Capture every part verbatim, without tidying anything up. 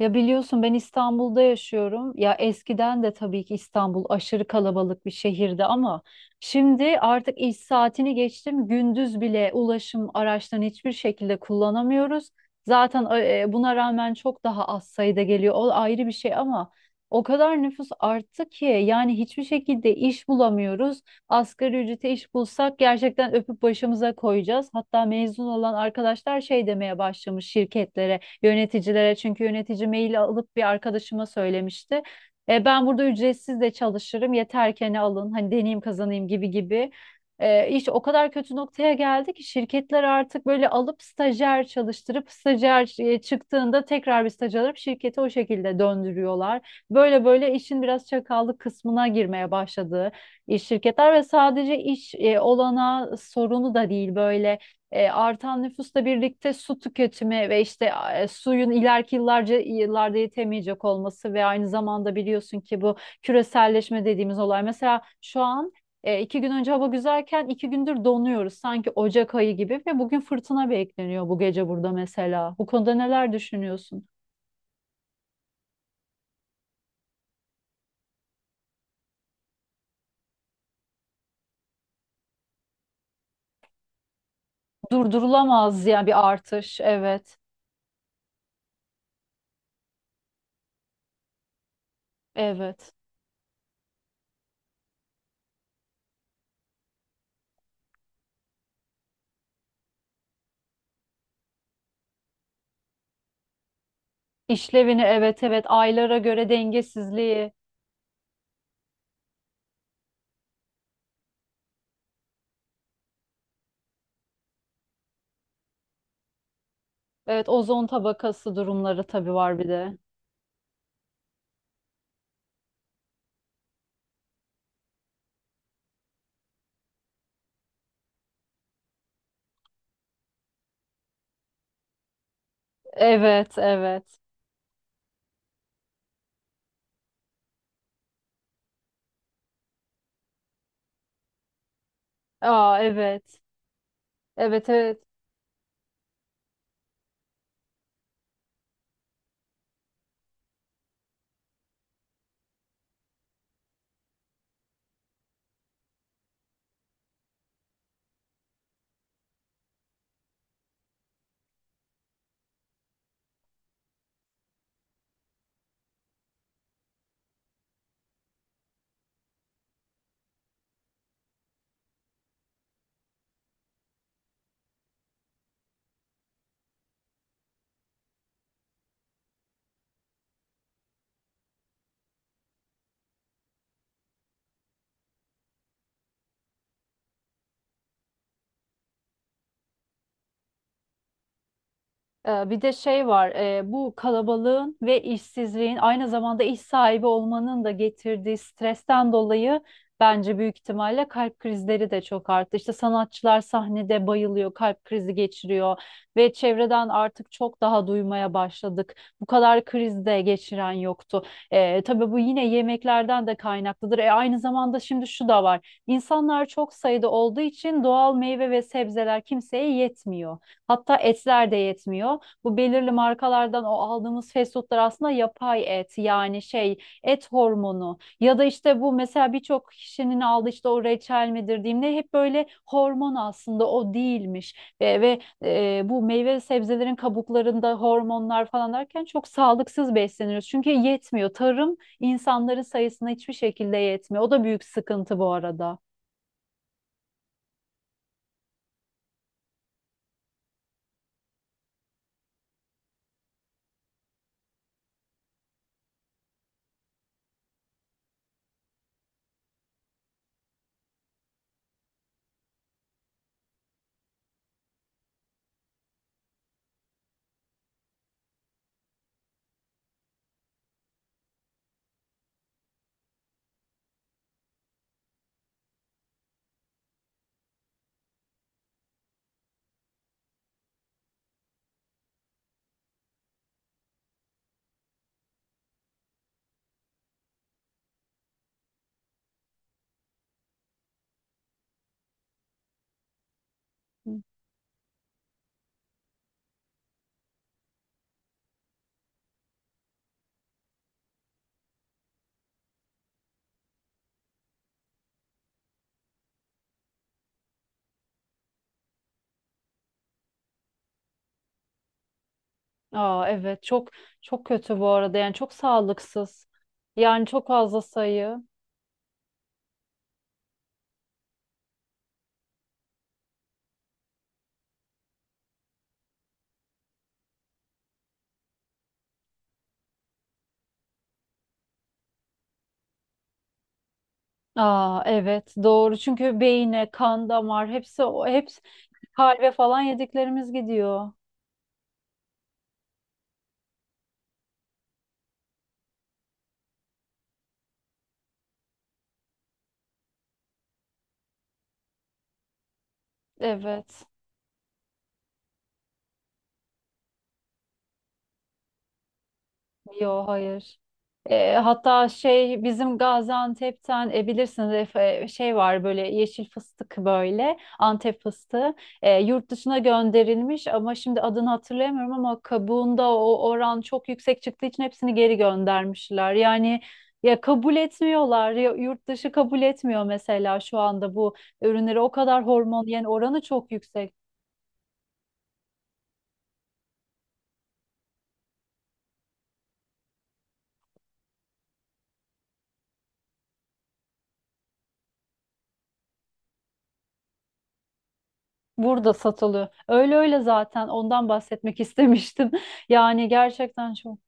Ya biliyorsun ben İstanbul'da yaşıyorum. Ya eskiden de tabii ki İstanbul aşırı kalabalık bir şehirdi ama şimdi artık iş saatini geçtim. Gündüz bile ulaşım araçlarını hiçbir şekilde kullanamıyoruz. Zaten e, e, buna rağmen çok daha az sayıda geliyor. O ayrı bir şey ama o kadar nüfus arttı ki yani hiçbir şekilde iş bulamıyoruz. Asgari ücrete iş bulsak gerçekten öpüp başımıza koyacağız. Hatta mezun olan arkadaşlar şey demeye başlamış şirketlere yöneticilere. Çünkü yönetici mail alıp bir arkadaşıma söylemişti. E, ben burada ücretsiz de çalışırım. Yeter ki hani alın. Hani deneyim kazanayım gibi gibi. E, iş o kadar kötü noktaya geldi ki şirketler artık böyle alıp stajyer çalıştırıp stajyer e, çıktığında tekrar bir staj alıp şirketi o şekilde döndürüyorlar. Böyle böyle işin biraz çakallık kısmına girmeye başladı iş şirketler ve sadece iş e, olana sorunu da değil böyle e, artan nüfusla birlikte su tüketimi ve işte e, suyun ileriki yıllarca yıllarda yetemeyecek olması ve aynı zamanda biliyorsun ki bu küreselleşme dediğimiz olay. Mesela şu an e, iki gün önce hava güzelken iki gündür donuyoruz sanki Ocak ayı gibi ve bugün fırtına bekleniyor bu gece burada mesela. Bu konuda neler düşünüyorsun? Durdurulamaz yani bir artış. Evet, evet. İşlevini, evet, evet, aylara göre dengesizliği. Evet, ozon tabakası durumları tabii var bir de. Evet, evet. Aa, evet. Evet, evet. Ee, Bir de şey var, e, bu kalabalığın ve işsizliğin aynı zamanda iş sahibi olmanın da getirdiği stresten dolayı bence büyük ihtimalle kalp krizleri de çok arttı. İşte sanatçılar sahnede bayılıyor, kalp krizi geçiriyor ve çevreden artık çok daha duymaya başladık. Bu kadar kriz de geçiren yoktu. Ee, tabii bu yine yemeklerden de kaynaklıdır. E, aynı zamanda şimdi şu da var, insanlar çok sayıda olduğu için doğal meyve ve sebzeler kimseye yetmiyor. Hatta etler de yetmiyor, bu belirli markalardan o aldığımız fast foodlar aslında yapay et, yani şey, et hormonu ya da işte bu, mesela birçok kişinin aldığı işte o reçel midir diyeyim ne, hep böyle hormon aslında, o değilmiş ve, ve e, bu meyve ve sebzelerin kabuklarında hormonlar falan derken çok sağlıksız besleniyoruz, çünkü yetmiyor tarım, insanların sayısına hiçbir şekilde yetmiyor, o da büyük sıkıntı bu arada. Aa, evet, çok çok kötü bu arada yani, çok sağlıksız. Yani çok fazla sayı. Aa, evet, doğru, çünkü beyine, kan, damar, hepsi, o hepsi kalbe falan yediklerimiz gidiyor. Evet. Yok, hayır. E, hatta şey, bizim Gaziantep'ten, e, bilirsiniz Efe, şey var böyle yeşil fıstık, böyle Antep fıstığı. E, yurt dışına gönderilmiş ama şimdi adını hatırlayamıyorum, ama kabuğunda o oran çok yüksek çıktığı için hepsini geri göndermişler. Yani ya kabul etmiyorlar ya yurt dışı kabul etmiyor, mesela şu anda bu ürünleri, o kadar hormon, yani oranı çok yüksek. Burada satılıyor. Öyle öyle, zaten ondan bahsetmek istemiştim. Yani gerçekten çok.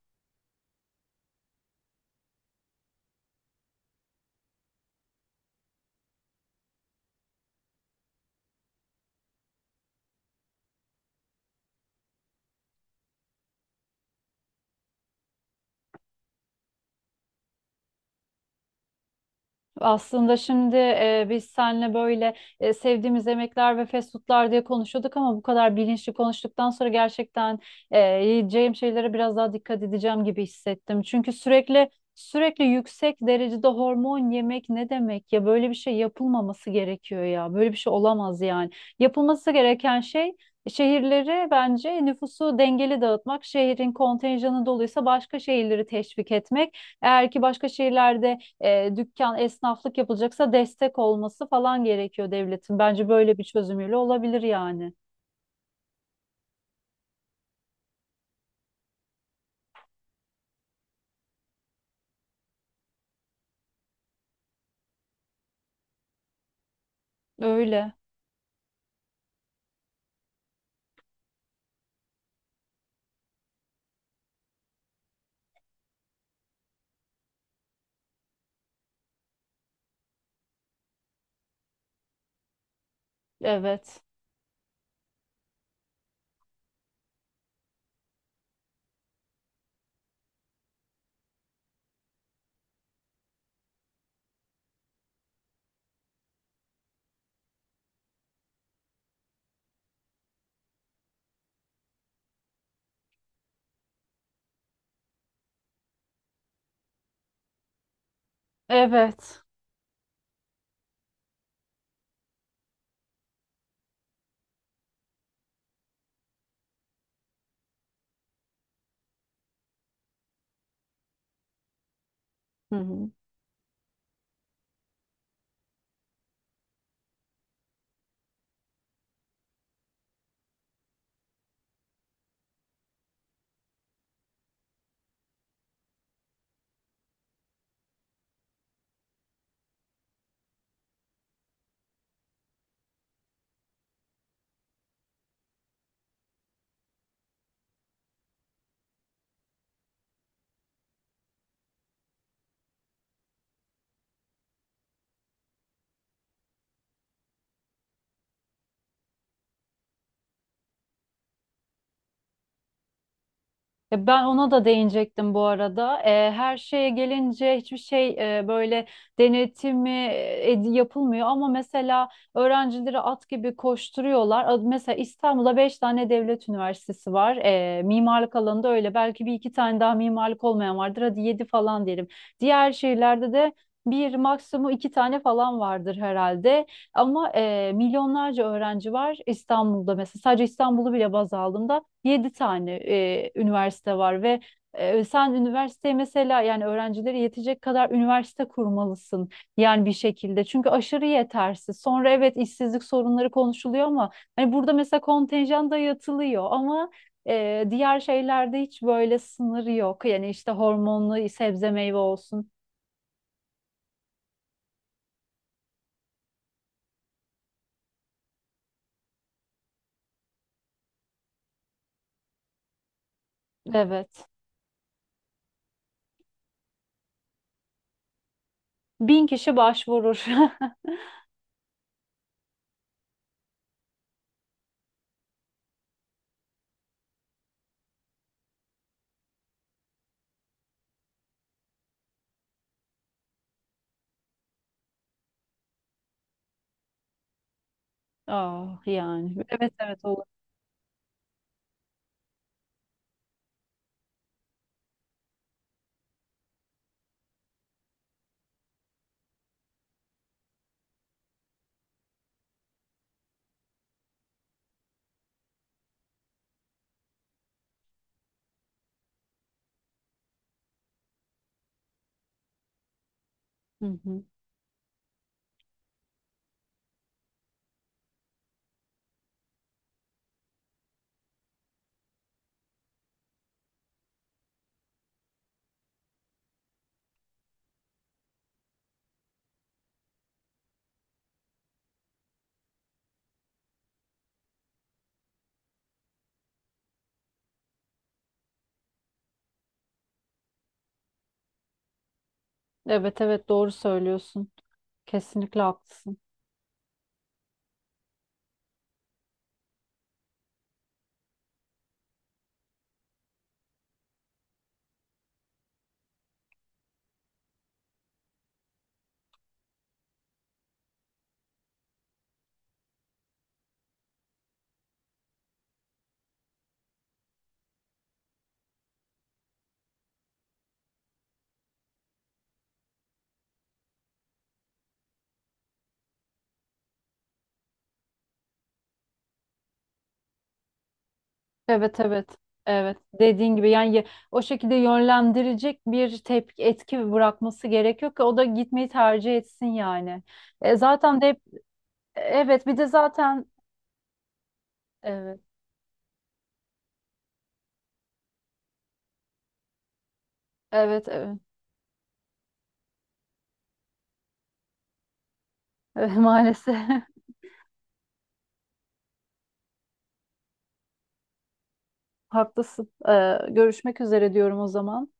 Aslında şimdi e, biz seninle böyle e, sevdiğimiz yemekler ve fast foodlar diye konuşuyorduk, ama bu kadar bilinçli konuştuktan sonra gerçekten e, yiyeceğim şeylere biraz daha dikkat edeceğim gibi hissettim. Çünkü sürekli sürekli yüksek derecede hormon yemek ne demek ya? Böyle bir şey yapılmaması gerekiyor ya. Böyle bir şey olamaz yani. Yapılması gereken şey, şehirleri, bence nüfusu dengeli dağıtmak, şehrin kontenjanı doluysa başka şehirleri teşvik etmek. Eğer ki başka şehirlerde e, dükkan, esnaflık yapılacaksa destek olması falan gerekiyor devletin. Bence böyle bir çözümüyle olabilir yani. Öyle. Evet. Evet. Hı hı. E, Ben ona da değinecektim bu arada. E, her şeye gelince hiçbir şey e, böyle denetimi e, ed- yapılmıyor, ama mesela öğrencileri at gibi koşturuyorlar. A- Mesela İstanbul'da beş tane devlet üniversitesi var. E, mimarlık alanında öyle. Belki bir iki tane daha mimarlık olmayan vardır. Hadi yedi falan diyelim. Diğer şehirlerde de bir maksimum iki tane falan vardır herhalde. Ama e, milyonlarca öğrenci var İstanbul'da mesela. Sadece İstanbul'u bile baz aldığımda. Yedi tane e, üniversite var ve e, sen üniversiteye mesela, yani öğrencilere yetecek kadar üniversite kurmalısın yani bir şekilde. Çünkü aşırı yetersiz. Sonra evet, işsizlik sorunları konuşuluyor, ama hani burada mesela kontenjan dayatılıyor, ama e, diğer şeylerde hiç böyle sınır yok. Yani işte hormonlu sebze meyve olsun. Evet. Bin kişi başvurur. Ah yani. Evet, evet, olur. Hı hı. Evet, evet, doğru söylüyorsun. Kesinlikle haklısın. Evet, evet. Evet. Dediğin gibi yani, ye- o şekilde yönlendirecek bir tepki, etki bırakması gerekiyor ki o da gitmeyi tercih etsin yani. E, zaten de hep. Evet. Bir de zaten. Evet, evet, evet. Evet, maalesef. Haklısın. E, görüşmek üzere diyorum o zaman.